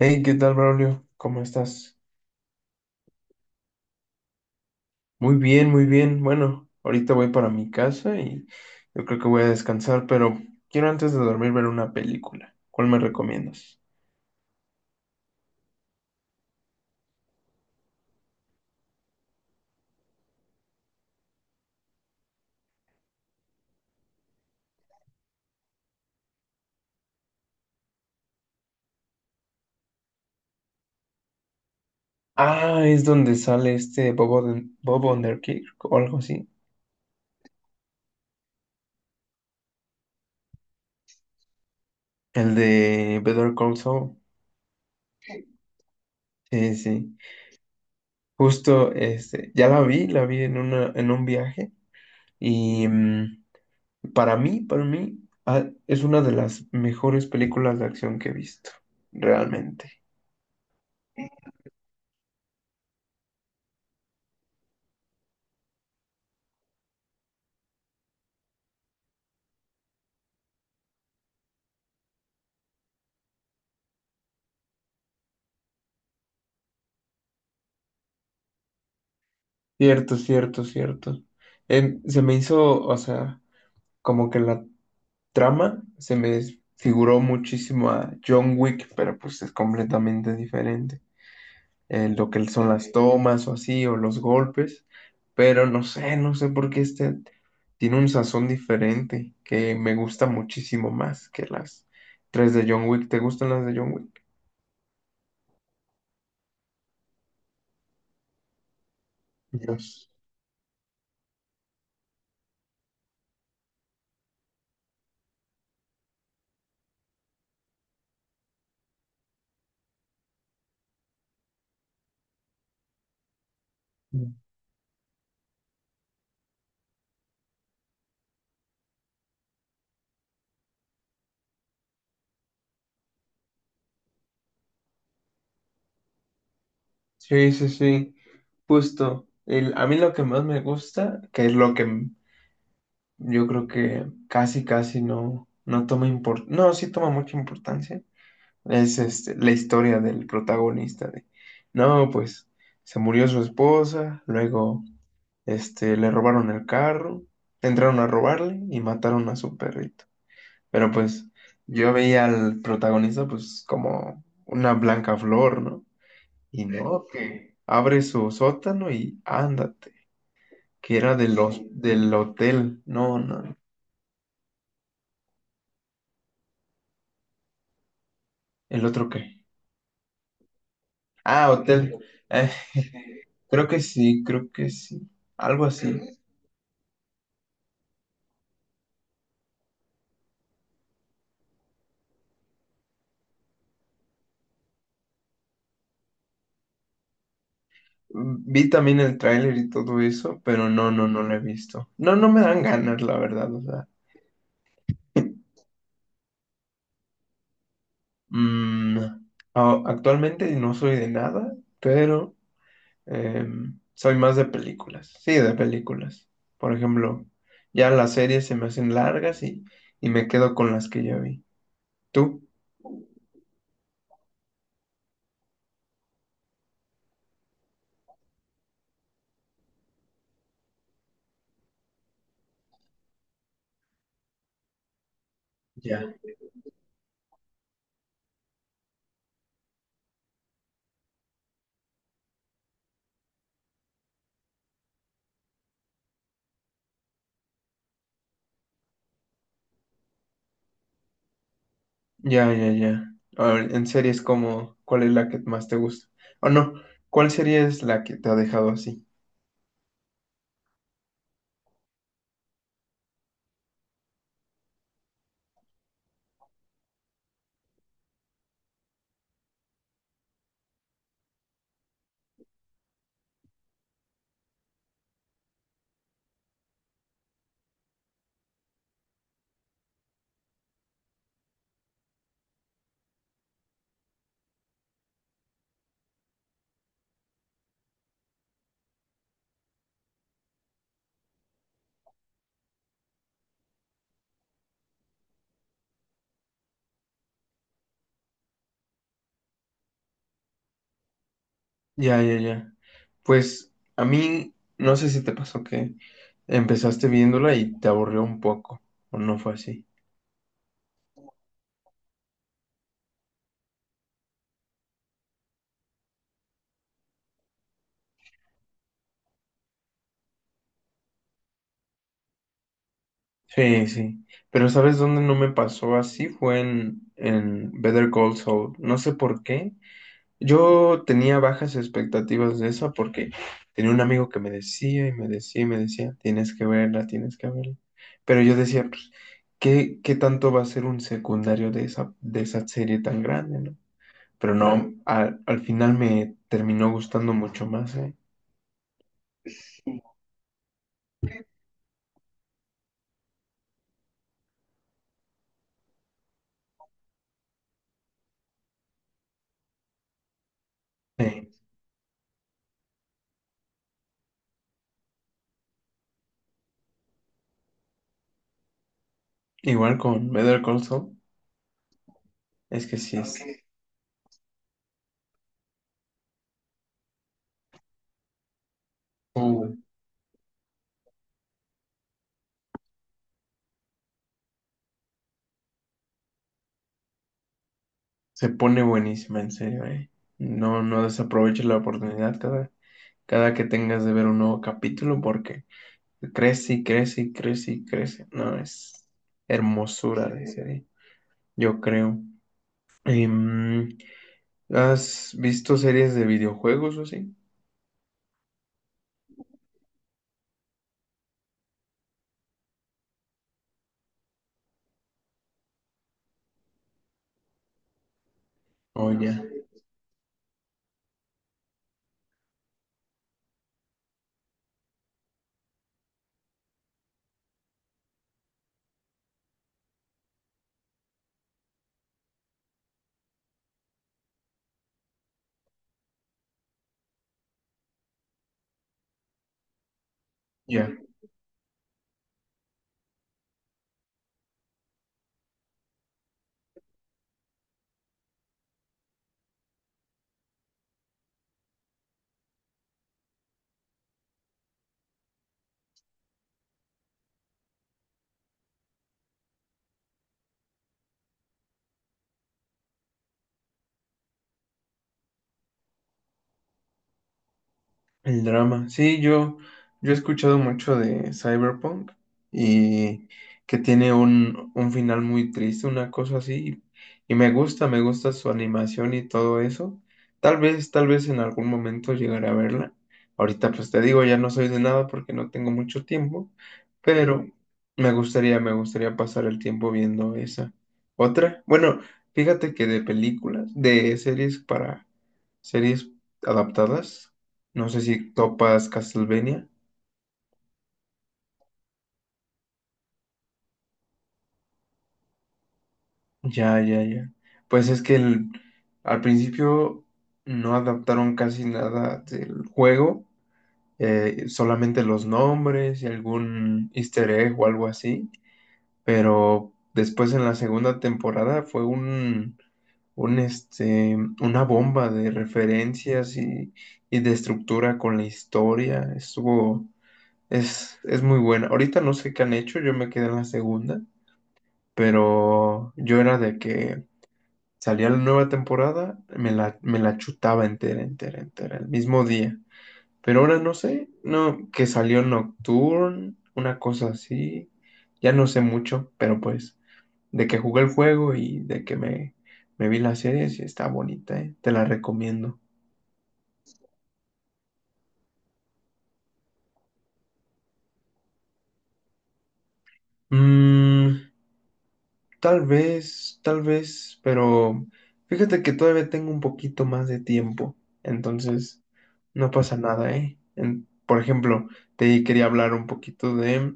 Hey, ¿qué tal, Braulio? ¿Cómo estás? Muy bien, muy bien. Bueno, ahorita voy para mi casa y yo creo que voy a descansar, pero quiero antes de dormir ver una película. ¿Cuál me recomiendas? Ah, es donde sale este Bob, Bob Underkick o algo así. El de Better Call Saul. Sí, sí. Justo, este, ya la vi en una, en un viaje y para mí, es una de las mejores películas de acción que he visto, realmente. Cierto, cierto, cierto. Se me hizo, o sea, como que la trama se me figuró muchísimo a John Wick, pero pues es completamente diferente. Lo que son las tomas o así, o los golpes, pero no sé, no sé por qué este tiene un sazón diferente que me gusta muchísimo más que las tres de John Wick. ¿Te gustan las de John Wick? Dios. Sí, sí, sí, justo. A mí lo que más me gusta, que es lo yo creo que casi, casi no, no toma importancia. No, sí toma mucha importancia. Es este, la historia del protagonista de, no, pues se murió su esposa, luego este, le robaron el carro, entraron a robarle y mataron a su perrito. Pero pues yo veía al protagonista pues como una blanca flor, ¿no? Y no, que abre su sótano y ándate, que era de del hotel. No, no, el otro qué. Ah, hotel. Eh, creo que sí, creo que sí. Algo así. Vi también el tráiler y todo eso, pero no, no, no lo he visto. No, no me dan ganas, la verdad, o sea. Mm, actualmente no soy de nada, pero soy más de películas. Sí, de películas. Por ejemplo, ya las series se me hacen largas y me quedo con las que ya vi. ¿Tú? Ya. Ya, ya, ya. A ver, en series como, ¿cuál es la que más te gusta? O no, ¿cuál serie es la que te ha dejado así? Ya, ya, ya. Pues a mí, no sé si te pasó que empezaste viéndola y te aburrió un poco, o no fue así. Sí, sí. Pero ¿sabes dónde no me pasó así? Fue en Better Call Saul. No sé por qué. Yo tenía bajas expectativas de esa porque tenía un amigo que me decía y me decía y me decía, tienes que verla, tienes que verla. Pero yo decía, pues, ¿qué, qué tanto va a ser un secundario de esa serie tan grande, ¿no? Pero no, al final me terminó gustando mucho más, ¿eh? Sí. Igual con Better Call Saul, es que sí, es, uh, se pone buenísima, en serio, ¿eh? No, no desaproveches la oportunidad cada, cada que tengas de ver un nuevo capítulo porque... Crece y crece y crece y crece. No, es hermosura de serie, yo creo. Em, ¿Has visto series de videojuegos o así? O ya, ya. El drama. Sí, yo he escuchado mucho de Cyberpunk y que tiene un final muy triste, una cosa así. Y me gusta su animación y todo eso. Tal vez en algún momento llegaré a verla. Ahorita pues te digo, ya no soy de nada porque no tengo mucho tiempo, pero me gustaría pasar el tiempo viendo esa. Otra, bueno, fíjate que de películas, de series para series adaptadas. No sé si topas Castlevania. Ya, ya, ya. Pues es que al principio no adaptaron casi nada del juego, solamente los nombres y algún easter egg o algo así. Pero después en la segunda temporada fue un este, una bomba de referencias y de estructura con la historia. Estuvo, es muy buena. Ahorita no sé qué han hecho, yo me quedé en la segunda. Pero yo era de que salía la nueva temporada, me me la chutaba entera, entera, entera, el mismo día. Pero ahora no sé, no, que salió Nocturne, una cosa así, ya no sé mucho, pero pues, de que jugué el juego y de que me vi la serie, sí está bonita, ¿eh? Te la recomiendo. Mm, tal vez, pero fíjate que todavía tengo un poquito más de tiempo, entonces no pasa nada, ¿eh? Por ejemplo, te quería hablar un poquito de,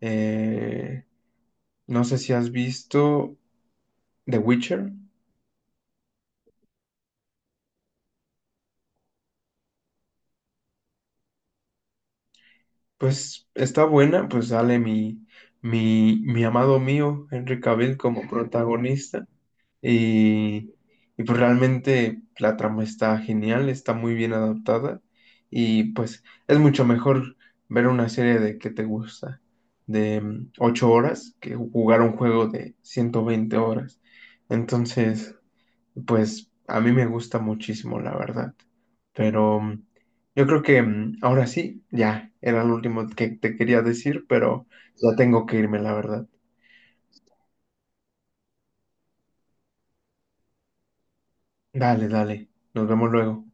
eh, no sé si has visto The Witcher, pues está buena, pues sale mi amado mío, Henry Cavill como protagonista. Y, y pues realmente la trama está genial, está muy bien adaptada y pues es mucho mejor ver una serie de que te gusta, de 8 horas, que jugar un juego de 120 horas. Entonces, pues a mí me gusta muchísimo, la verdad. Pero yo creo que ahora sí, ya era lo último que te quería decir, pero ya tengo que irme, la verdad. Dale, dale, nos vemos luego.